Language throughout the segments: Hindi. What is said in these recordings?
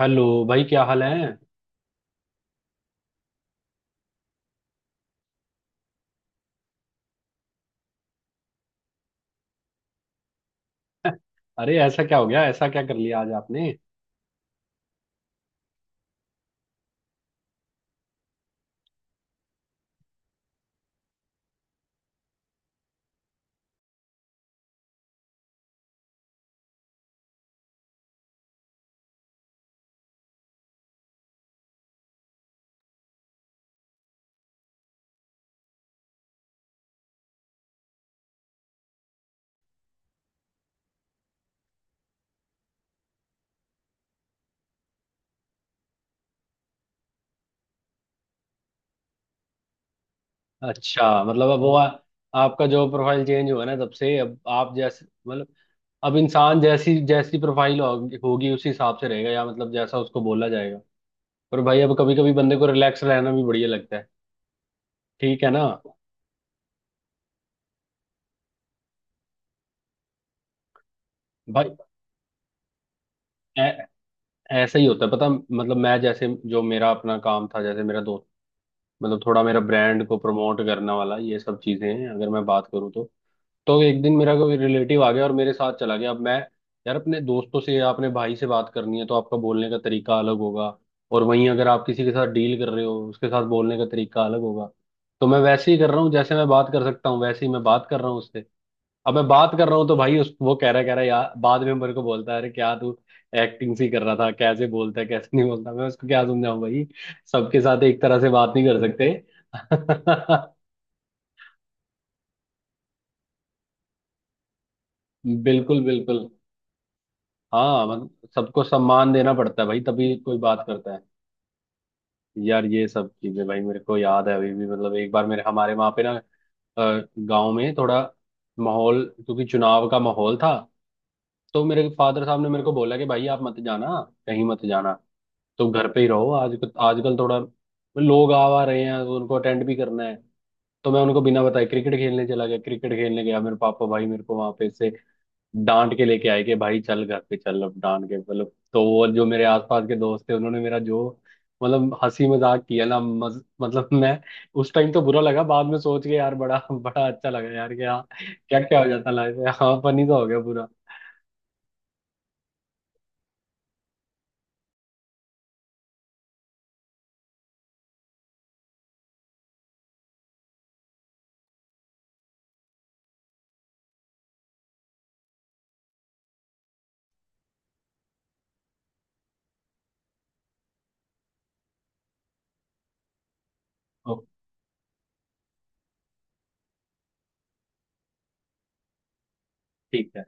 हेलो भाई, क्या हाल है। अरे ऐसा क्या हो गया, ऐसा क्या कर लिया आज आपने। अच्छा, मतलब अब वो आपका जो प्रोफाइल चेंज हुआ ना, तब से अब आप जैसे मतलब अब इंसान जैसी जैसी प्रोफाइल होगी होगी उसी हिसाब से रहेगा, या मतलब जैसा उसको बोला जाएगा। पर भाई अब कभी कभी बंदे को रिलैक्स रहना भी बढ़िया लगता है, ठीक है ना। भाई ऐ- ऐसा ही होता है पता, मतलब मैं जैसे, जो मेरा अपना काम था, जैसे मेरा दोस्त, मतलब थोड़ा मेरा ब्रांड को प्रमोट करने वाला ये सब चीजें हैं, अगर मैं बात करूँ तो एक दिन मेरा कोई रिलेटिव आ गया और मेरे साथ चला गया। अब मैं, यार अपने दोस्तों से या अपने भाई से बात करनी है तो आपका बोलने का तरीका अलग होगा, और वहीं अगर आप किसी के साथ डील कर रहे हो उसके साथ बोलने का तरीका अलग होगा। तो मैं वैसे ही कर रहा हूँ, जैसे मैं बात कर सकता हूँ वैसे ही मैं बात कर रहा हूँ उससे। अब मैं बात कर रहा हूँ तो भाई उस वो कह रहा यार, बाद में मेरे को बोलता है अरे क्या तू एक्टिंग सी कर रहा था, कैसे बोलता है कैसे नहीं बोलता, मैं उसको क्या समझाऊं भाई। सबके साथ एक तरह से बात नहीं कर सकते। बिल्कुल बिल्कुल। हाँ मतलब सबको सम्मान देना पड़ता है भाई, तभी कोई बात करता है। यार ये सब चीजें भाई मेरे को याद है अभी भी, मतलब एक बार मेरे, हमारे वहाँ पे ना, गांव में थोड़ा माहौल, क्योंकि चुनाव का माहौल था, तो मेरे फादर साहब ने मेरे को बोला कि भाई आप मत जाना, कहीं मत जाना, तुम घर पे ही रहो आज। आजकल थोड़ा लोग आ आ रहे हैं तो उनको अटेंड भी करना है। तो मैं उनको बिना बताए क्रिकेट खेलने चला गया, क्रिकेट खेलने गया, मेरे पापा भाई मेरे को वहां पे से डांट के लेके आए कि भाई चल घर पे चल। अब डांट के मतलब, तो वो जो मेरे आसपास के दोस्त थे उन्होंने मेरा जो, मतलब हंसी मजाक किया ना मतलब मैं उस टाइम तो बुरा लगा, बाद में सोच के यार बड़ा बड़ा अच्छा लगा यार, कि हाँ क्या क्या हो जाता लाइफ में, हाँ फनी तो हो गया पूरा। ओ, ठीक है,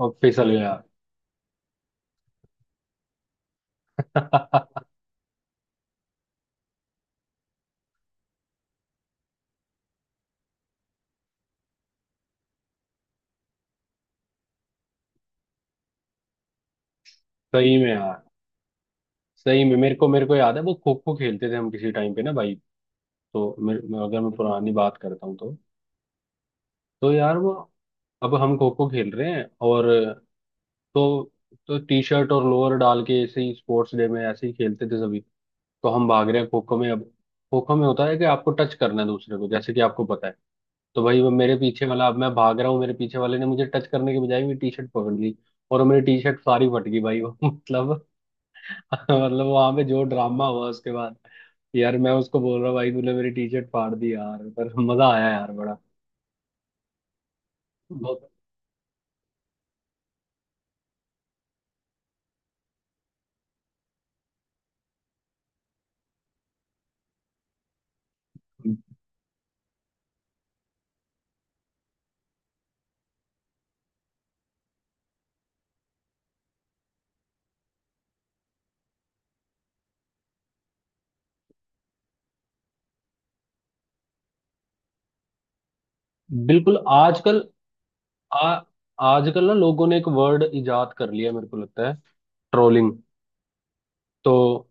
और फिसल गया। सही में यार, सही में मेरे को याद है, वो खो खो खेलते थे हम किसी टाइम पे ना भाई। तो अगर मैं पुरानी बात करता हूँ तो यार वो, अब हम खो खो खेल रहे हैं और, तो तो टी शर्ट और लोअर डाल के ऐसे ही स्पोर्ट्स डे में ऐसे ही खेलते थे सभी। तो हम भाग रहे हैं खो खो में अब, खो खो में होता है कि आपको टच करना है दूसरे को, जैसे कि आपको पता है। तो भाई वो मेरे पीछे वाला, अब मैं भाग रहा हूँ, मेरे पीछे वाले ने मुझे टच करने के बजाय मेरी टी शर्ट पकड़ ली, और वो मेरी टी शर्ट सारी फट गई भाई वो मतलब, मतलब वहां पे जो ड्रामा हुआ उसके बाद, यार मैं उसको बोल रहा हूँ भाई तूने मेरी टी शर्ट फाड़ दी यार, पर मजा आया यार बड़ा। बहुत। बिल्कुल। आजकल आ आजकल ना लोगों ने एक वर्ड इजाद कर लिया, मेरे को लगता है, ट्रोलिंग। तो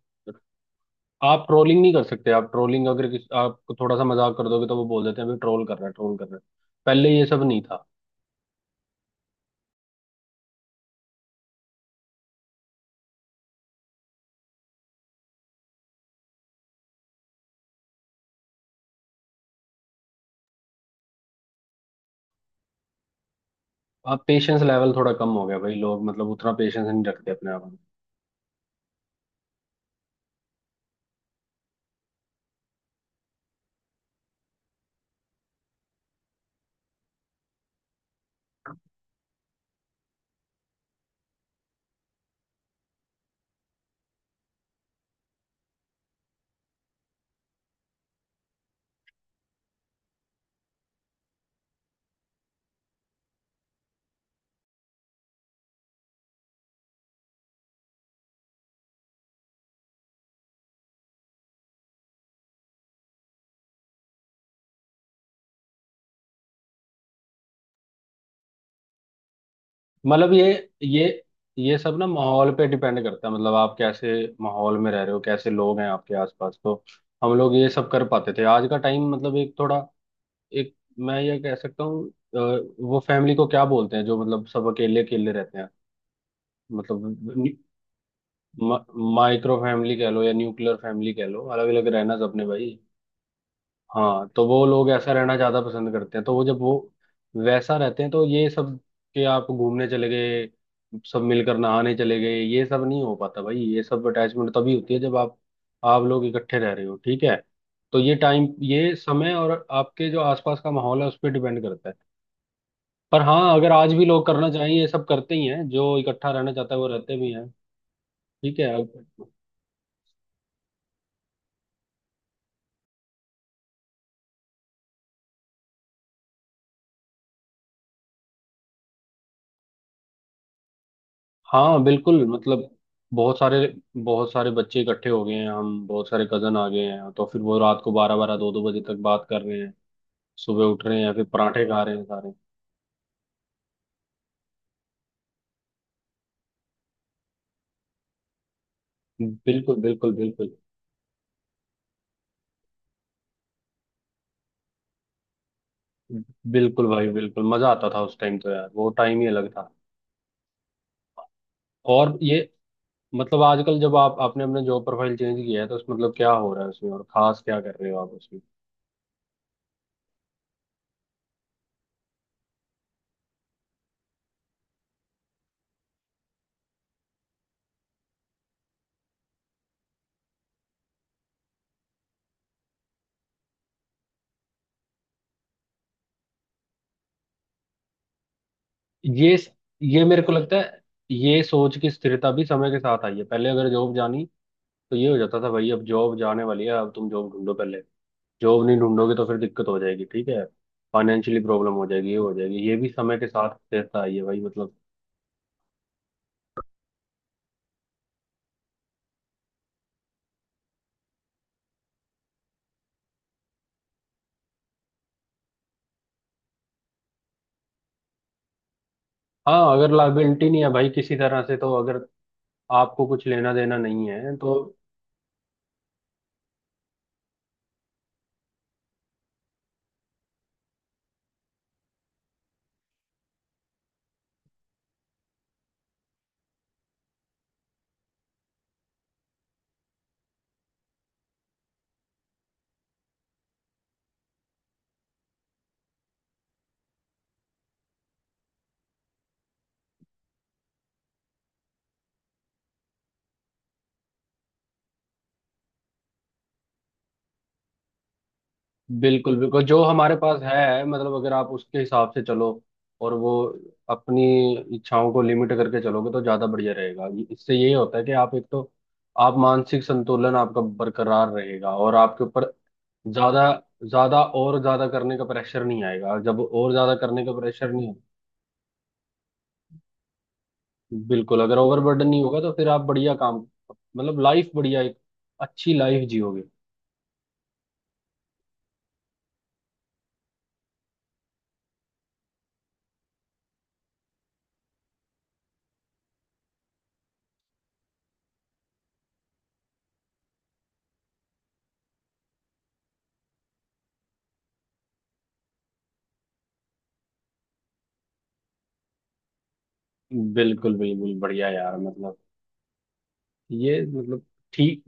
आप ट्रोलिंग नहीं कर सकते, आप ट्रोलिंग अगर आप थोड़ा सा मजाक कर दोगे तो वो बोल देते हैं भाई ट्रोल कर रहे हैं, ट्रोल कर रहे हैं। पहले ये सब नहीं था। अब पेशेंस लेवल थोड़ा कम हो गया भाई, लोग मतलब उतना पेशेंस नहीं रखते अपने आप में। मतलब ये ये सब ना माहौल पे डिपेंड करता है, मतलब आप कैसे माहौल में रह रहे हो, कैसे लोग हैं आपके आसपास, तो हम लोग ये सब कर पाते थे। आज का टाइम मतलब एक थोड़ा, एक, मैं ये कह सकता हूँ वो फैमिली को क्या बोलते हैं जो मतलब सब अकेले अकेले रहते हैं, मतलब, माइक्रो फैमिली कह लो या न्यूक्लियर फैमिली कह लो, अलग अलग रहना सबने भाई। हाँ तो वो लोग ऐसा रहना ज्यादा पसंद करते हैं, तो वो जब वो वैसा रहते हैं तो ये सब के आप घूमने चले गए, सब मिलकर नहाने चले गए, ये सब नहीं हो पाता भाई। ये सब अटैचमेंट तभी होती है जब आप लोग इकट्ठे रह रहे हो, ठीक है। तो ये टाइम, ये समय और आपके जो आसपास का माहौल है उस पर डिपेंड करता है। पर हाँ, अगर आज भी लोग करना चाहें ये सब करते ही हैं, जो इकट्ठा रहना चाहता है वो रहते भी हैं, ठीक है। हाँ बिल्कुल, मतलब बहुत सारे, बहुत सारे बच्चे इकट्ठे हो गए हैं, हम बहुत सारे कजन आ गए हैं, तो फिर वो रात को बारह बारह दो दो बजे तक बात कर रहे हैं, सुबह उठ रहे हैं, फिर पराठे खा रहे हैं सारे। बिल्कुल बिल्कुल बिल्कुल। बिल्कुल भाई, बिल्कुल मजा आता था उस टाइम तो, यार वो टाइम ही अलग था। और ये मतलब, आजकल जब आप, आपने अपने जॉब प्रोफाइल चेंज किया है, तो उस मतलब क्या हो रहा है उसमें, और खास क्या कर रहे हो आप उसमें। ये ये मेरे को लगता है ये सोच की स्थिरता भी समय के साथ आई है। पहले अगर जॉब जानी तो ये हो जाता था भाई अब जॉब जाने वाली है, अब तुम जॉब ढूंढो, पहले जॉब नहीं ढूंढोगे तो फिर दिक्कत हो जाएगी, ठीक है, फाइनेंशियली प्रॉब्लम हो जाएगी, ये हो जाएगी, ये भी समय के साथ रहता है ये भाई, मतलब। हाँ अगर लाइबिलिटी नहीं है भाई किसी तरह से, तो अगर आपको कुछ लेना देना नहीं है तो, बिल्कुल बिल्कुल, जो हमारे पास है मतलब अगर आप उसके हिसाब से चलो, और वो अपनी इच्छाओं को लिमिट करके चलोगे तो ज्यादा बढ़िया रहेगा। इससे ये होता है कि आप एक तो, आप मानसिक संतुलन आपका बरकरार रहेगा, और आपके ऊपर ज्यादा ज्यादा और ज्यादा करने का प्रेशर नहीं आएगा, जब और ज्यादा करने का प्रेशर नहीं। बिल्कुल, अगर ओवरबर्डन नहीं होगा तो फिर आप बढ़िया काम, मतलब लाइफ बढ़िया, एक अच्छी लाइफ जियोगे। बिल्कुल बिल्कुल, बढ़िया यार, मतलब ये मतलब, ठीक,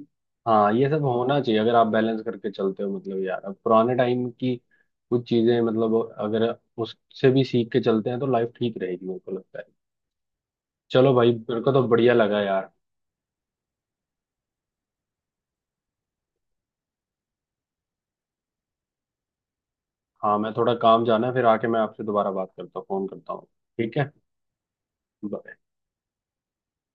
हाँ ये सब होना चाहिए, अगर आप बैलेंस करके चलते हो। मतलब यार अब पुराने टाइम की कुछ चीजें, मतलब अगर उससे भी सीख के चलते हैं तो लाइफ ठीक रहेगी, मेरे को लगता है। चलो भाई, मेरे को तो बढ़िया लगा यार। हाँ मैं थोड़ा काम जाना है, फिर आके मैं आपसे दोबारा बात करता हूँ, फोन करता हूँ। ठीक है। ब-